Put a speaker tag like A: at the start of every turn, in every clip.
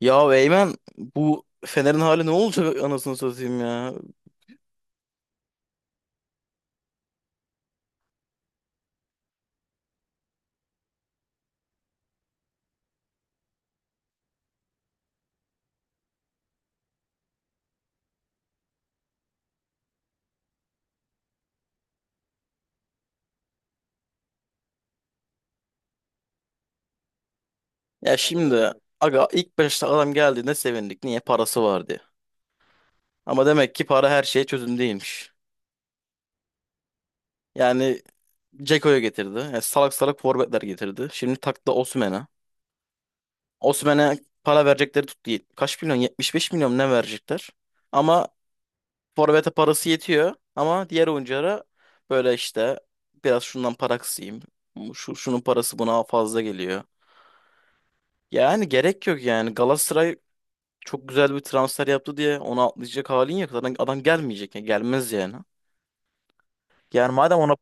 A: Ya Eymen bu Fener'in hali ne olacak anasını satayım ya. Ya şimdi aga ilk başta adam geldiğinde sevindik. Niye? Parası vardı. Ama demek ki para her şeye çözüm değilmiş. Yani Ceko'yu getirdi. Yani salak salak forvetler getirdi. Şimdi taktı Osimhen'e. Osimhen'e para verecekleri tuttu. Kaç milyon? 75 milyon ne verecekler? Ama forvete parası yetiyor. Ama diğer oyunculara böyle işte biraz şundan para kısayım. Şu, şunun parası buna fazla geliyor. Yani gerek yok yani. Galatasaray çok güzel bir transfer yaptı diye onu atlayacak halin yok. Zaten adam gelmeyecek. Yani gelmez yani. Yani madem ona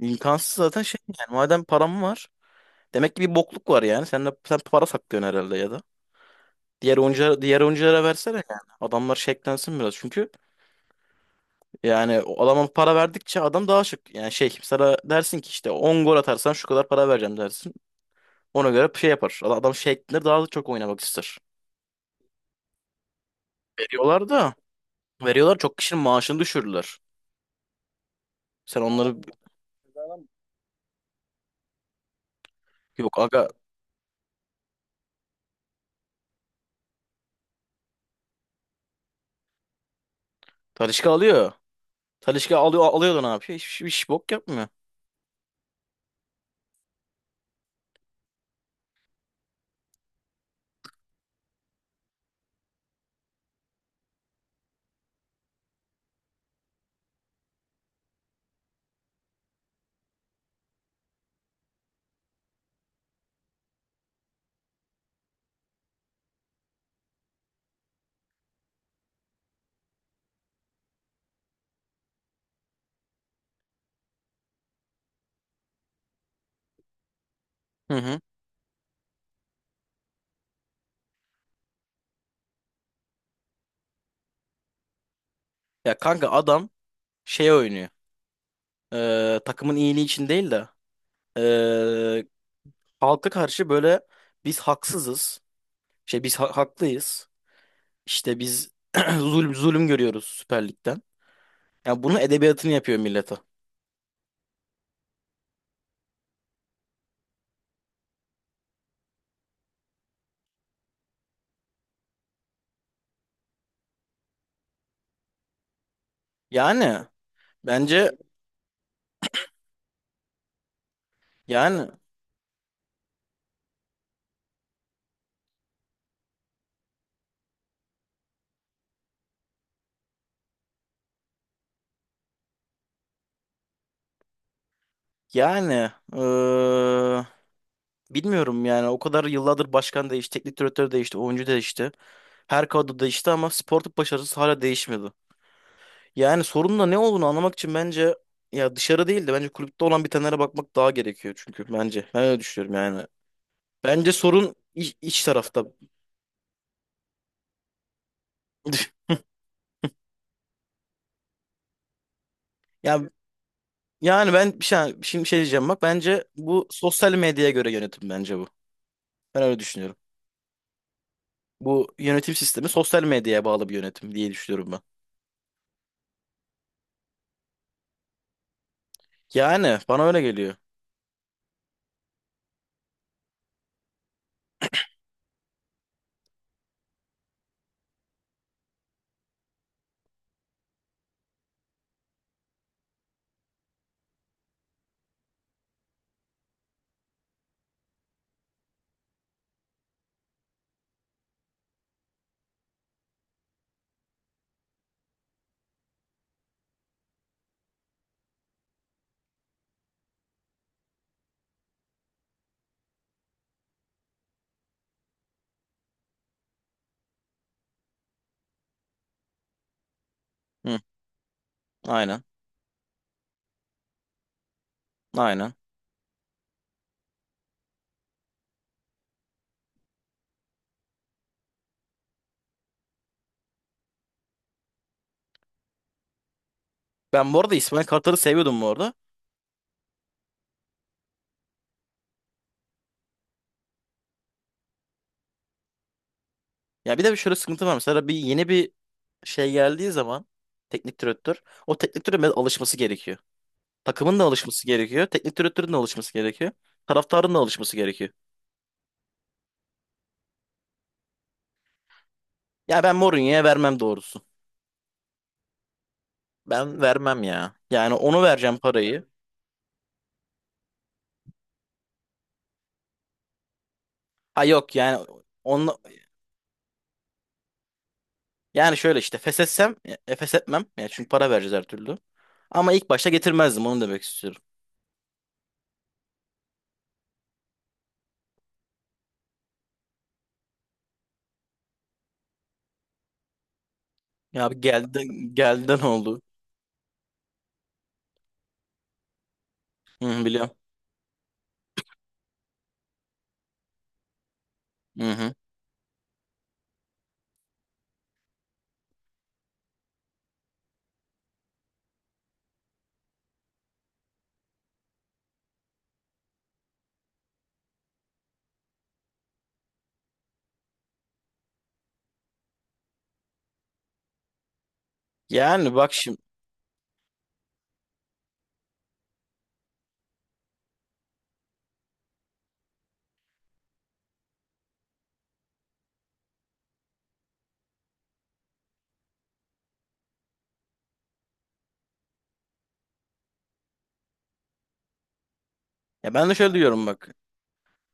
A: imkansız zaten şey yani. Madem param var. Demek ki bir bokluk var yani. Sen de sen para saklıyorsun herhalde ya da. Diğer oyunculara, diğer oyunculara versene yani. Adamlar şeklensin biraz. Çünkü yani o adama para verdikçe adam daha şık. Yani şey sana dersin ki işte 10 gol atarsan şu kadar para vereceğim dersin. Ona göre şey yapar. Adam şeklenir daha da çok oynamak ister. Veriyorlar da. Veriyorlar çok kişinin maaşını düşürdüler. Sen onları yok aga Talisca alıyor. Talisca alıyor da ne yapıyor? Hiç bok yapmıyor. Hı hı. Ya kanka adam şey oynuyor. Takımın iyiliği için değil de ee, halka karşı böyle biz haksızız. Şey biz haklıyız. İşte biz zulüm görüyoruz Süper Lig'den. Ya bunun edebiyatını yapıyor millete. Yani bence yani yani eee, bilmiyorum yani o kadar yıllardır başkan değişti, teknik direktör değişti, oyuncu değişti. Her kadro değişti ama sportif başarısı hala değişmedi. Yani sorunun da ne olduğunu anlamak için bence ya dışarı değil de bence kulüpte olan bitenlere bakmak daha gerekiyor çünkü bence. Ben öyle düşünüyorum yani. Bence sorun iç tarafta. Yani yani ben bir şey diyeceğim bak bence bu sosyal medyaya göre yönetim bence bu. Ben öyle düşünüyorum. Bu yönetim sistemi sosyal medyaya bağlı bir yönetim diye düşünüyorum ben. Yani bana öyle geliyor. Hı, aynen. Aynen. Ben bu arada İsmail Kartal'ı seviyordum bu arada. Ya bir de şöyle sıkıntı var. Mesela yeni bir şey geldiği zaman teknik direktör o teknik direktörün biraz alışması gerekiyor. Takımın da alışması gerekiyor. Teknik direktörün de alışması gerekiyor. Taraftarın da alışması gerekiyor. Ya ben Mourinho'ya vermem doğrusu. Ben vermem ya. Yani onu vereceğim parayı. Ha yok yani onu yani şöyle işte feshetsem feshetmem. Yani çünkü para vereceğiz her türlü. Ama ilk başta getirmezdim onu demek istiyorum. Ya abi geldi geldi ne oldu? Hı hı, biliyorum. Hı hı. Yani bak şimdi. Ya ben de şöyle diyorum bak.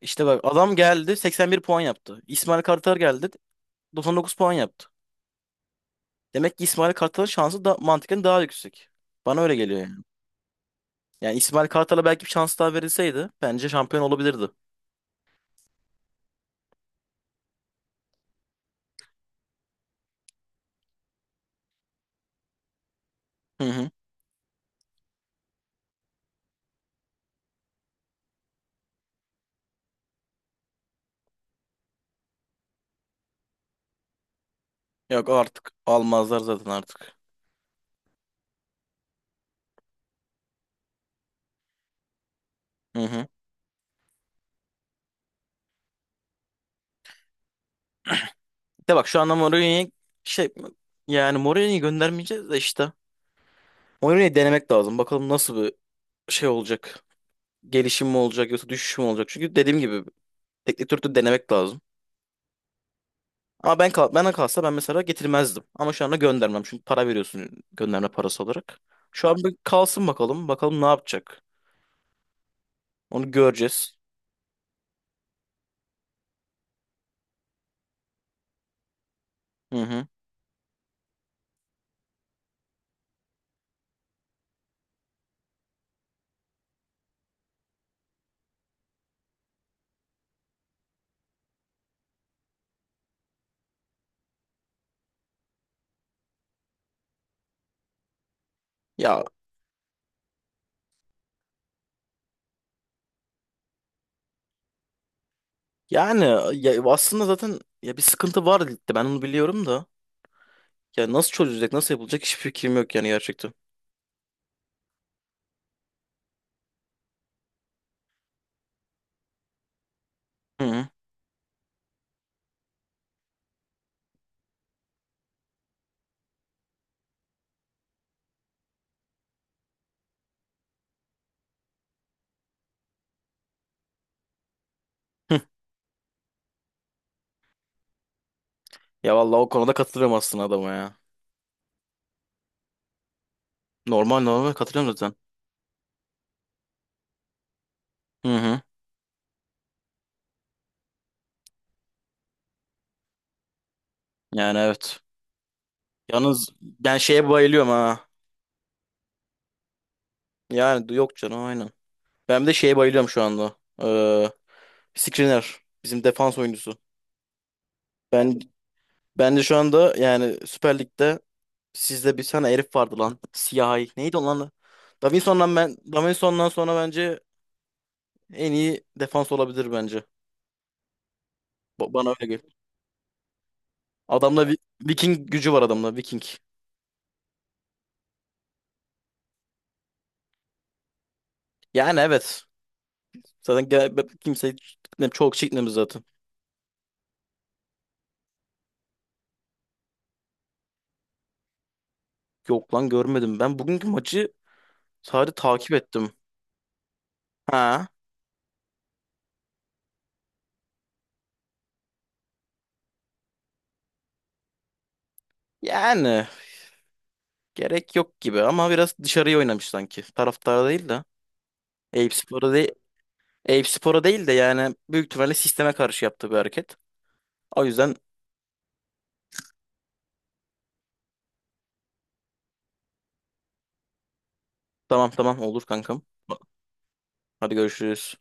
A: İşte bak adam geldi 81 puan yaptı. İsmail Kartal geldi 99 puan yaptı. Demek ki İsmail Kartal'ın şansı da mantıken daha yüksek. Bana öyle geliyor yani. Yani İsmail Kartal'a belki bir şans daha verilseydi bence şampiyon olabilirdi. Hı hı. Yok artık almazlar zaten artık. Hı hı. De bak şu anda Mourinho'yu şey yani Mourinho'yu göndermeyeceğiz de işte. Mourinho'yu denemek lazım. Bakalım nasıl bir şey olacak. Gelişim mi olacak yoksa düşüş mü olacak? Çünkü dediğim gibi teknik direktörü denemek lazım. Ama ben kal bana kalsa ben mesela getirmezdim. Ama şu anda göndermem. Çünkü para veriyorsun gönderme parası olarak. Şu an bir kalsın bakalım. Bakalım ne yapacak. Onu göreceğiz. Hı hı. Ya yani ya aslında zaten ya bir sıkıntı var ligde. Ben onu biliyorum da. Ya nasıl çözülecek, nasıl yapılacak hiçbir fikrim yok yani gerçekten. Hı hı. Hı. Ya vallahi o konuda katılıyorum aslında adama ya. Normal normal katılıyorum zaten. Hı hı. Yani evet. Yalnız ben şeye bayılıyorum ha. Yani yok canım aynen. Ben bir de şeye bayılıyorum şu anda. Ee, Skriniar. Bizim defans oyuncusu. Ben ben de şu anda yani Süper Lig'de sizde bir tane herif vardı lan. Siyahi. Neydi o lan? Davinson'dan Davinson'dan sonra bence en iyi defans olabilir bence. Bana öyle geliyor. Adamda Vi- Viking gücü var adamda Viking. Yani evet. Zaten kimse çok çekmemiz zaten. Yok lan görmedim. Ben bugünkü maçı sadece takip ettim. Ha. Yani. Gerek yok gibi ama biraz dışarıya oynamış sanki. Taraftara değil de. Eyüp Spor'a değil, Eyüp Spor'a değil de yani büyük ihtimalle sisteme karşı yaptığı bir hareket. O yüzden tamam tamam olur kankam. Hadi görüşürüz.